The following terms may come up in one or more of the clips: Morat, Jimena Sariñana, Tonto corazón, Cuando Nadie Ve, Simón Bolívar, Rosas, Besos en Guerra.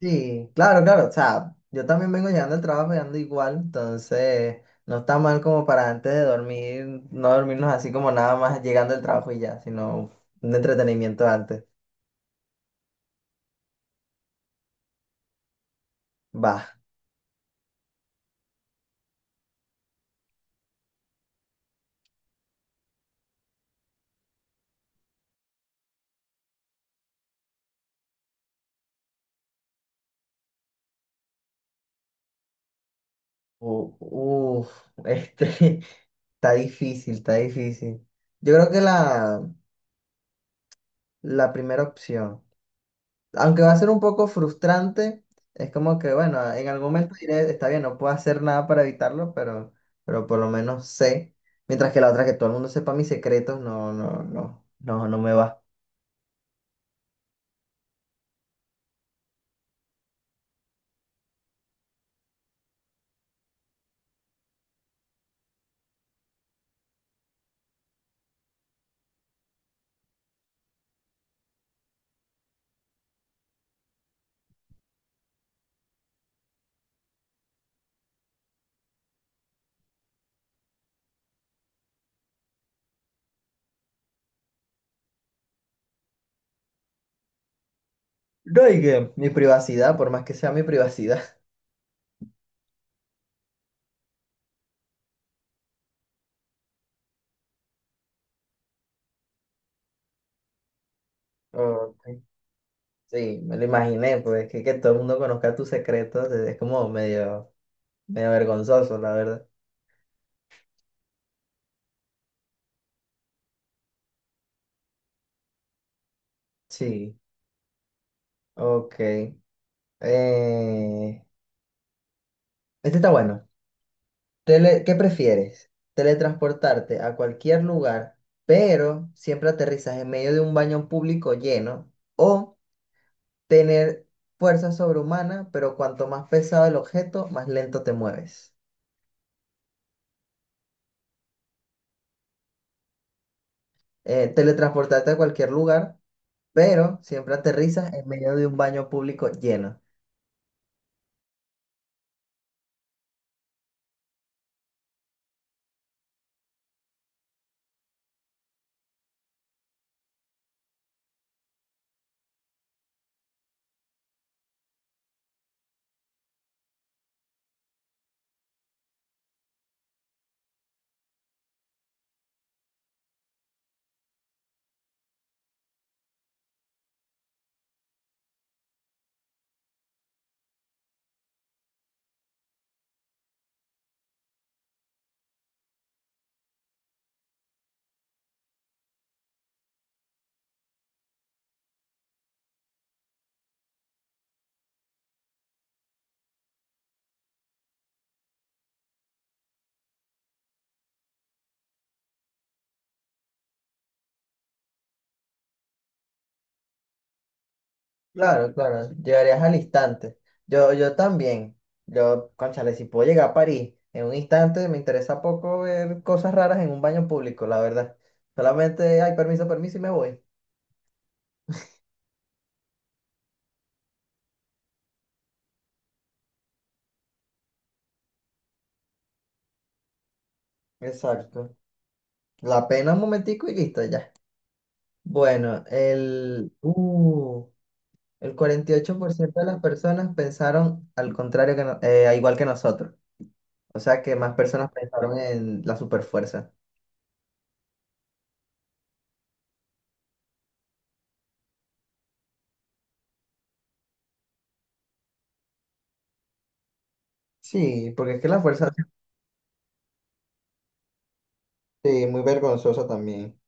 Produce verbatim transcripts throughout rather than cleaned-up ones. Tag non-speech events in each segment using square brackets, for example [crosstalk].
Sí, claro, claro. O sea, yo también vengo llegando al trabajo llegando igual, entonces no está mal como para antes de dormir, no dormirnos así como nada más llegando al trabajo y ya, sino un entretenimiento antes. Va. U- Uf, este, [laughs] está difícil, está difícil. Yo creo que la, la primera opción. Aunque va a ser un poco frustrante, es como que, bueno, en algún momento diré, está bien, no puedo hacer nada para evitarlo, pero, pero por lo menos sé. Mientras que la otra, que todo el mundo sepa mis secretos, no, no, no, no, no me va. No, y que mi privacidad, por más que sea mi privacidad. [laughs] Ok. Sí, me lo imaginé, pues que, que todo el mundo conozca tus secretos, es es como medio, medio vergonzoso, la verdad. Sí, ok. Eh, este está bueno. Tele- ¿qué prefieres? Teletransportarte a cualquier lugar, pero siempre aterrizas en medio de un baño público lleno, o tener fuerza sobrehumana, pero cuanto más pesado el objeto, más lento te mueves. Eh, teletransportarte a cualquier lugar, pero siempre aterrizas en medio de un baño público lleno. Claro, claro, llegarías al instante. Yo, yo también. Yo, cónchale, si puedo llegar a París en un instante, me interesa poco ver cosas raras en un baño público, la verdad. Solamente hay permiso, permiso y me voy. Exacto. La pena un momentico y listo, ya. Bueno, el, uh, el cuarenta y ocho por ciento de las personas pensaron al contrario que no- eh, igual que nosotros. O sea que más personas pensaron en la superfuerza. Sí, porque es que la fuerza sí, muy vergonzosa también.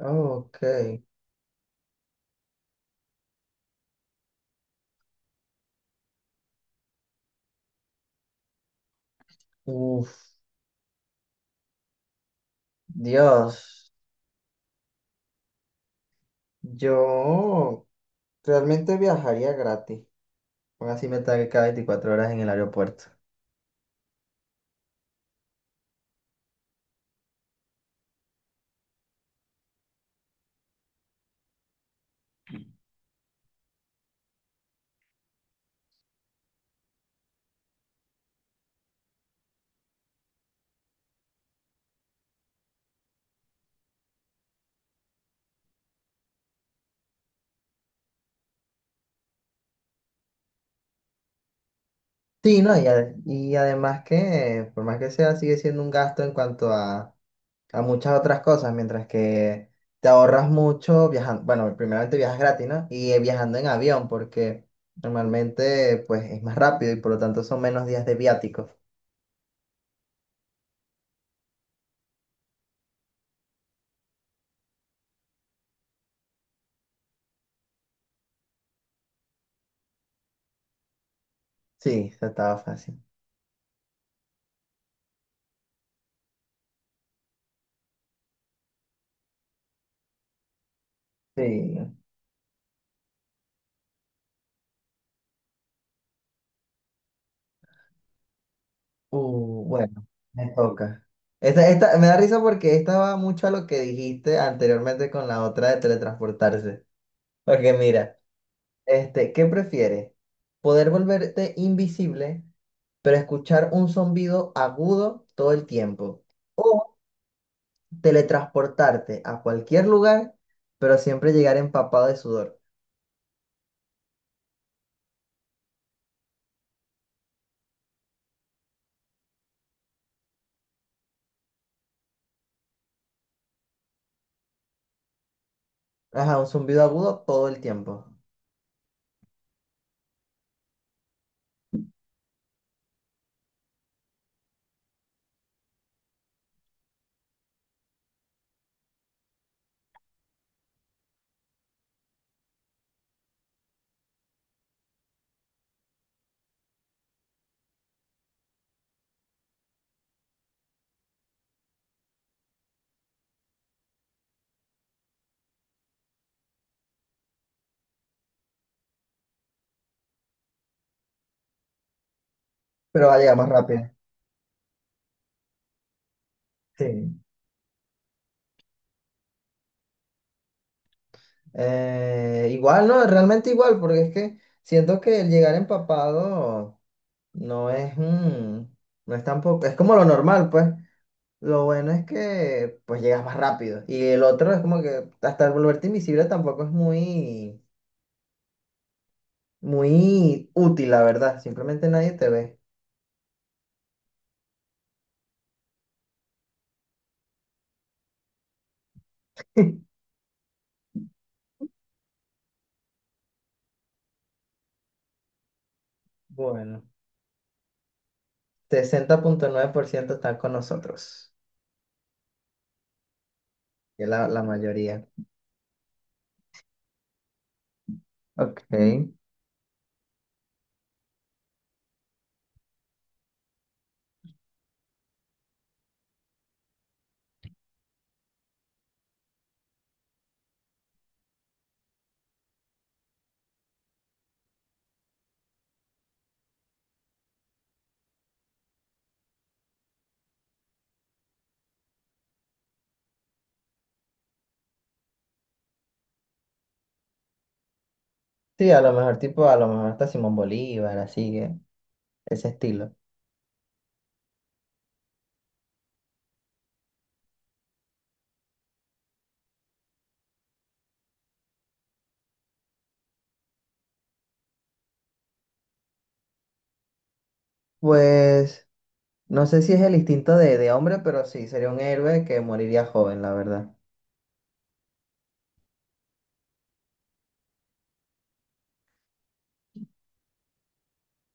Ok. Uf, Dios. Yo realmente viajaría gratis. Porque así me estaré cada veinticuatro horas en el aeropuerto. Sí, ¿no? Y, a- y además que, por más que sea, sigue siendo un gasto en cuanto a, a muchas otras cosas, mientras que te ahorras mucho viajando. Bueno, primeramente viajas gratis, ¿no? Y eh, viajando en avión, porque normalmente pues es más rápido y por lo tanto son menos días de viáticos. Sí, eso estaba fácil. Sí, Uh, bueno, me toca. Esta, esta, me da risa porque esta va mucho a lo que dijiste anteriormente con la otra de teletransportarse. Porque mira, este, ¿qué prefieres? ¿Poder volverte invisible, pero escuchar un zumbido agudo todo el tiempo? ¿O teletransportarte a cualquier lugar, pero siempre llegar empapado de sudor? Ajá, un zumbido agudo todo el tiempo. Pero va a llegar más rápido. Sí. Eh, igual, no, realmente igual, porque es que siento que el llegar empapado no es, mm, no es tampoco, es como lo normal, pues. Lo bueno es que pues llegas más rápido. Y el otro es como que hasta volverte invisible tampoco es muy, muy útil, la verdad. Simplemente nadie te ve. [laughs] Bueno, sesenta punto nueve por ciento están con nosotros, que es la, la mayoría. Ok. Sí, a lo mejor tipo, a lo mejor hasta Simón Bolívar, así, eh, ese estilo. Pues no sé si es el instinto de, de hombre, pero sí, sería un héroe que moriría joven, la verdad.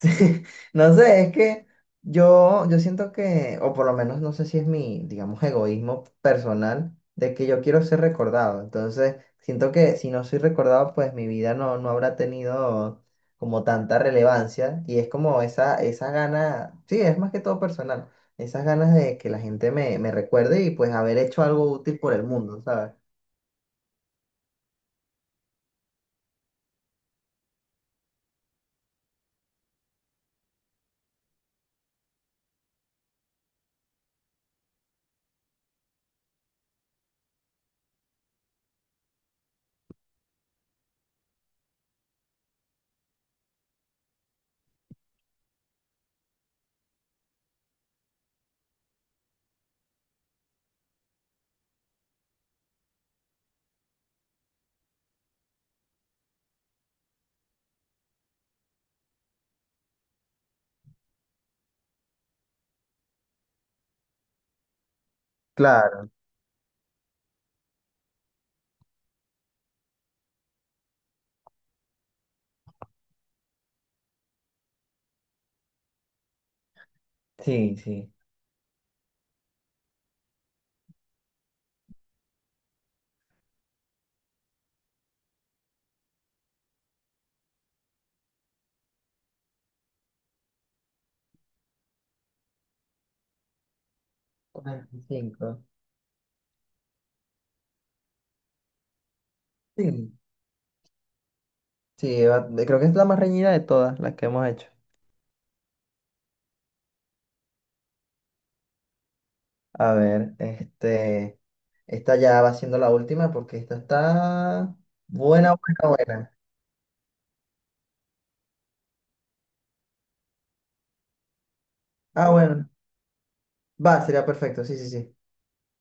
[laughs] No sé, es que yo, yo siento que, o por lo menos no sé si es mi, digamos, egoísmo personal, de que yo quiero ser recordado. Entonces, siento que si no soy recordado, pues mi vida no, no habrá tenido como tanta relevancia. Y es como esa, esa gana, sí, es más que todo personal, esas ganas de que la gente me, me recuerde y pues haber hecho algo útil por el mundo, ¿sabes? Claro. Sí, sí. Cuarenta y cinco. Sí, sí, va- creo que es la más reñida de todas las que hemos hecho. A ver, este, esta ya va siendo la última porque esta está buena, buena, buena. Ah, bueno, va, sería perfecto, sí, sí, sí.